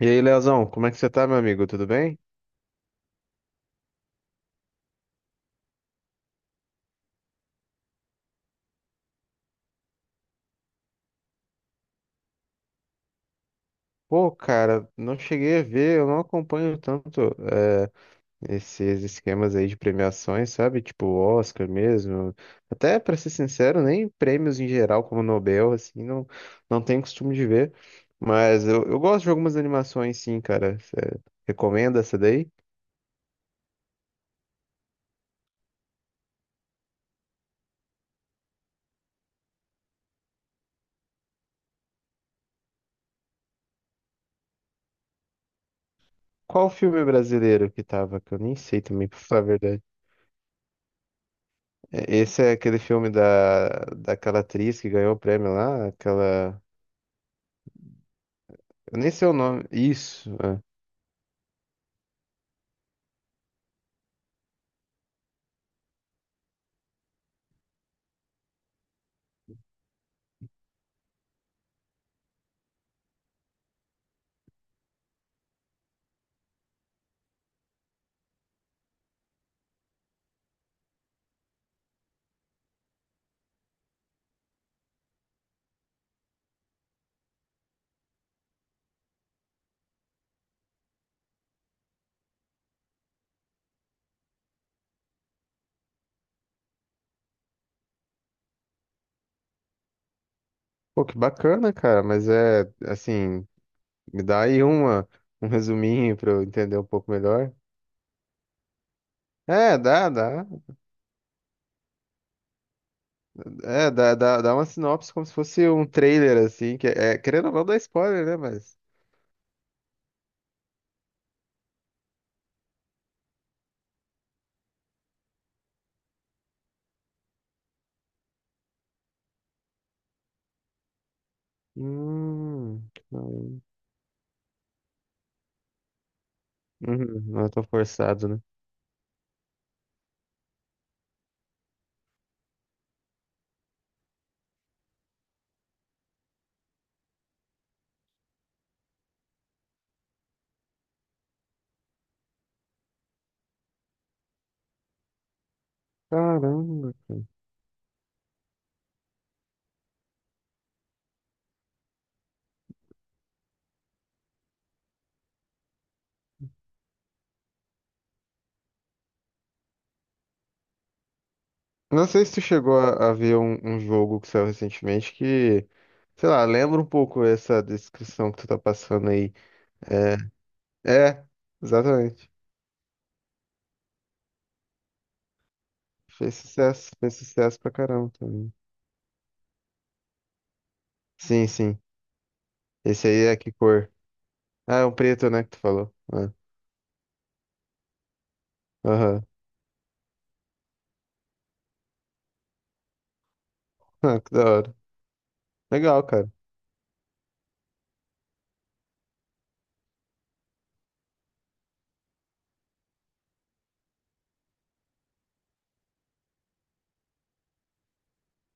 E aí, Leozão, como é que você tá, meu amigo? Tudo bem? Pô, cara, não cheguei a ver, eu não acompanho tanto esses esquemas aí de premiações, sabe? Tipo Oscar mesmo. Até, pra ser sincero, nem prêmios em geral, como Nobel, assim, não, não tenho costume de ver. Mas eu gosto de algumas animações, sim, cara. Você recomenda essa daí? Qual filme brasileiro que tava? Que eu nem sei também, pra falar a verdade. Esse é aquele filme daquela atriz que ganhou o prêmio lá, aquela. Eu nem sei o nome. Isso. É. Pô, que bacana, cara. Mas é assim, me dá aí uma, um resuminho pra eu entender um pouco melhor. É, dá, dá. É, dá uma sinopse como se fosse um trailer, assim, que é, querendo ou não, dá spoiler, né? Mas. Hum. Não, uhum, não é tão forçado, né? Caramba, cara. Não sei se tu chegou a ver um jogo que saiu recentemente que, sei lá, lembra um pouco essa descrição que tu tá passando aí. É, é, exatamente. Fez sucesso pra caramba também. Sim, sim. Esse aí é que cor? Ah, é um preto, né, que tu falou. Ah, aham. Ah, que da hora. Legal, cara.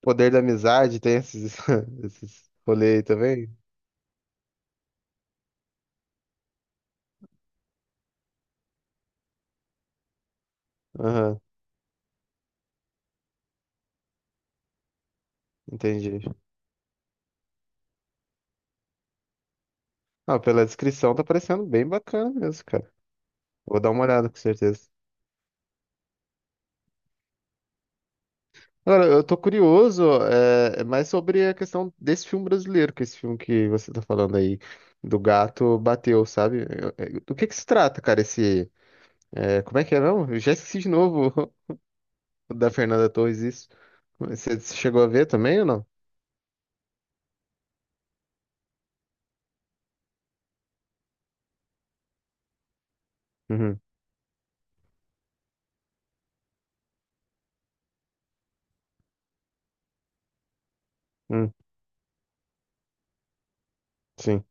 Poder da amizade tem esses, esses rolê aí também? Aham, entendi. Ah, pela descrição tá parecendo bem bacana mesmo, cara. Vou dar uma olhada, com certeza. Agora, eu tô curioso, mais sobre a questão desse filme brasileiro, que esse filme que você tá falando aí, do gato bateu, sabe? Do que se trata, cara, esse. É, como é que é mesmo? Eu já esqueci de novo. O da Fernanda Torres, isso. Você chegou a ver também ou não? Uhum. Hum, sim.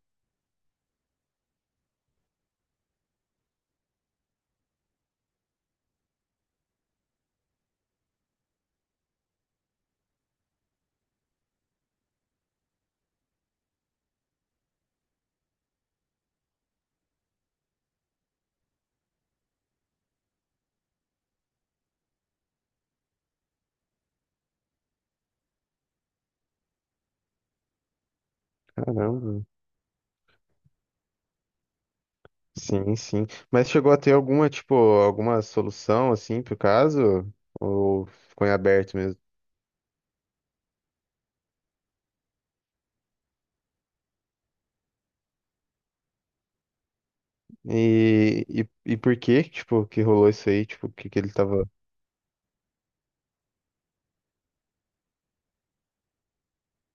Caramba. Sim, sim. Mas chegou a ter alguma, tipo, alguma solução, assim, pro caso? Ou ficou em aberto mesmo? E por que, tipo, que rolou isso aí? Tipo, que ele tava...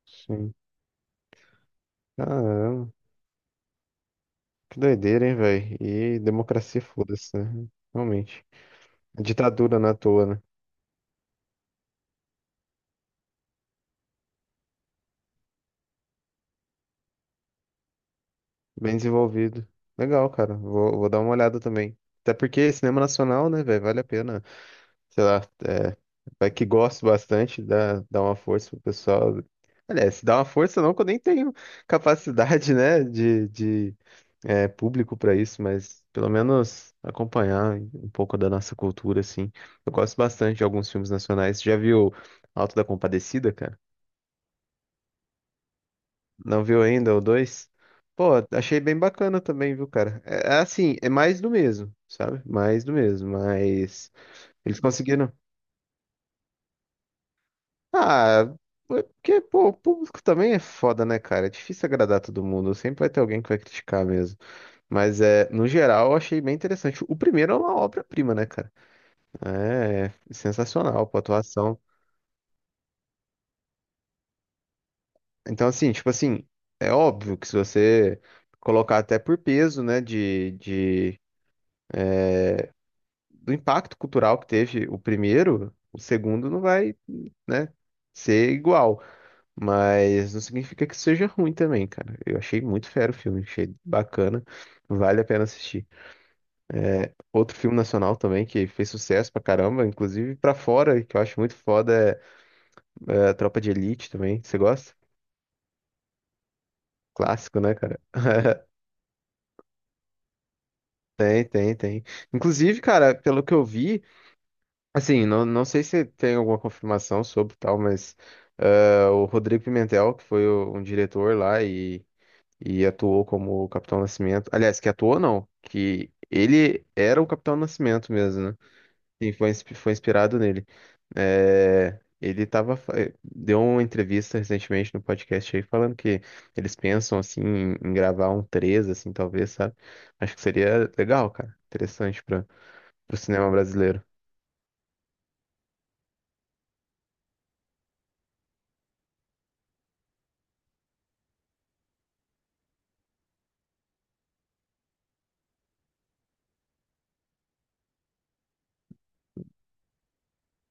Sim. Caramba. Que doideira, hein, velho? E democracia, foda-se, né? Realmente. Ditadura na toa, né? Bem desenvolvido. Legal, cara. Vou dar uma olhada também. Até porque cinema nacional, né, velho, vale a pena. Sei lá, é, vai que gosto bastante, dá uma força pro pessoal. Aliás, dá uma força não, que eu nem tenho capacidade, né, de é, público pra isso, mas pelo menos acompanhar um pouco da nossa cultura, assim. Eu gosto bastante de alguns filmes nacionais. Já viu Alto da Compadecida, cara? Não viu ainda o dois? Pô, achei bem bacana também, viu, cara? É, é assim, é mais do mesmo, sabe? Mais do mesmo, mas eles conseguiram. Ah, é porque, pô, o público também é foda, né, cara? É difícil agradar todo mundo, sempre vai ter alguém que vai criticar mesmo. Mas é, no geral, eu achei bem interessante. O primeiro é uma obra-prima, né, cara? É, sensacional, pô, a atuação. Então, assim, tipo assim, é óbvio que se você colocar até por peso, né, de do impacto cultural que teve o primeiro, o segundo não vai, né, ser igual. Mas não significa que seja ruim também, cara. Eu achei muito fera o filme, achei bacana, vale a pena assistir. Outro filme nacional também que fez sucesso pra caramba, inclusive pra fora, que eu acho muito foda, é, é a Tropa de Elite também. Você gosta? Clássico, né, cara? Tem, tem, tem. Inclusive, cara, pelo que eu vi, assim, não, não sei se tem alguma confirmação sobre tal, mas ah, o Rodrigo Pimentel, que foi um diretor lá e atuou como o Capitão Nascimento. Aliás, que atuou não, que ele era o Capitão Nascimento mesmo, né? E foi, foi inspirado nele. É, ele tava, deu uma entrevista recentemente no podcast aí falando que eles pensam assim em gravar um 3 assim, talvez, sabe? Acho que seria legal, cara. Interessante para o cinema brasileiro.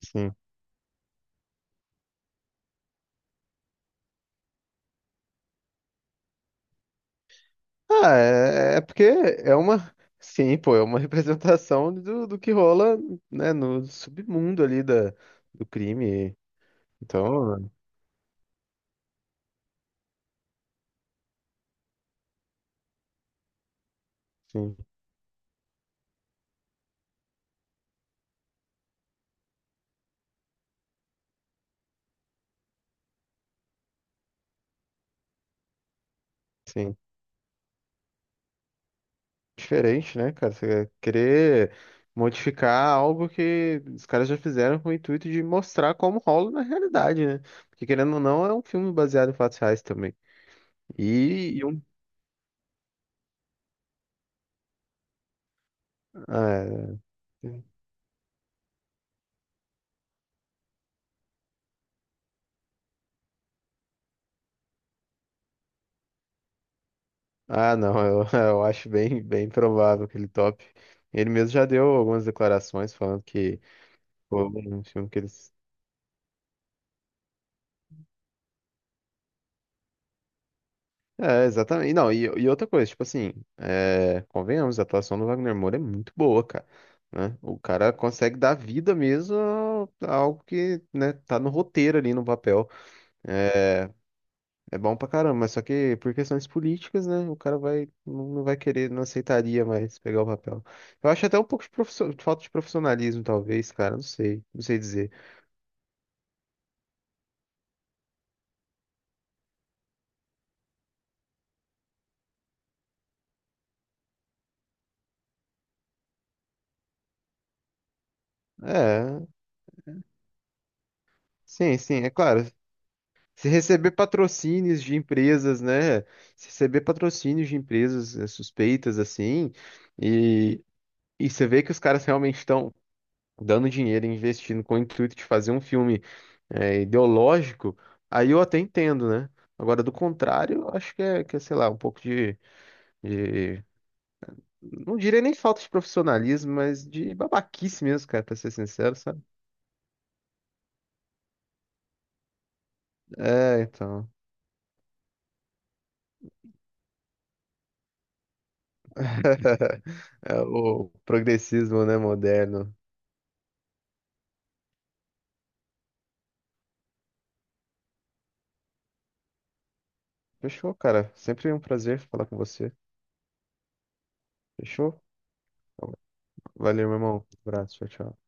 Sim. Ah, é, é porque é uma. Sim, pô, é uma representação do, do que rola, né, no submundo ali da, do crime. Então, sim, sim. Diferente, né, cara? Você querer modificar algo que os caras já fizeram com o intuito de mostrar como rola na realidade, né? Porque, querendo ou não, é um filme baseado em fatos reais também. E um. Ah, é. Ah, não, eu, eu acho bem, bem provável que ele top. Ele mesmo já deu algumas declarações falando que. Pô, um filme que eles. É, exatamente. Não, e outra coisa, tipo assim, é, convenhamos, a atuação do Wagner Moura é muito boa, cara. Né? O cara consegue dar vida mesmo a algo que, né, tá no roteiro ali no papel. É, é bom pra caramba, mas só que por questões políticas, né, o cara vai, não vai querer, não aceitaria mais pegar o papel. Eu acho até um pouco de falta de profissionalismo, talvez, cara, não sei, não sei dizer. É, sim, sim, é claro, se receber patrocínios de empresas, né? Se receber patrocínios de empresas suspeitas, assim, e, e você vê que os caras realmente estão dando dinheiro, investindo com o intuito de fazer um filme ideológico, aí eu até entendo, né? Agora, do contrário, eu acho que é, sei lá, um pouco de- Não diria nem falta de profissionalismo, mas de babaquice mesmo, cara, pra ser sincero, sabe? É, então. É o progressismo, né, moderno. Fechou, cara. Sempre um prazer falar com você. Fechou? Então, valeu, meu irmão. Abraço, tchau, tchau.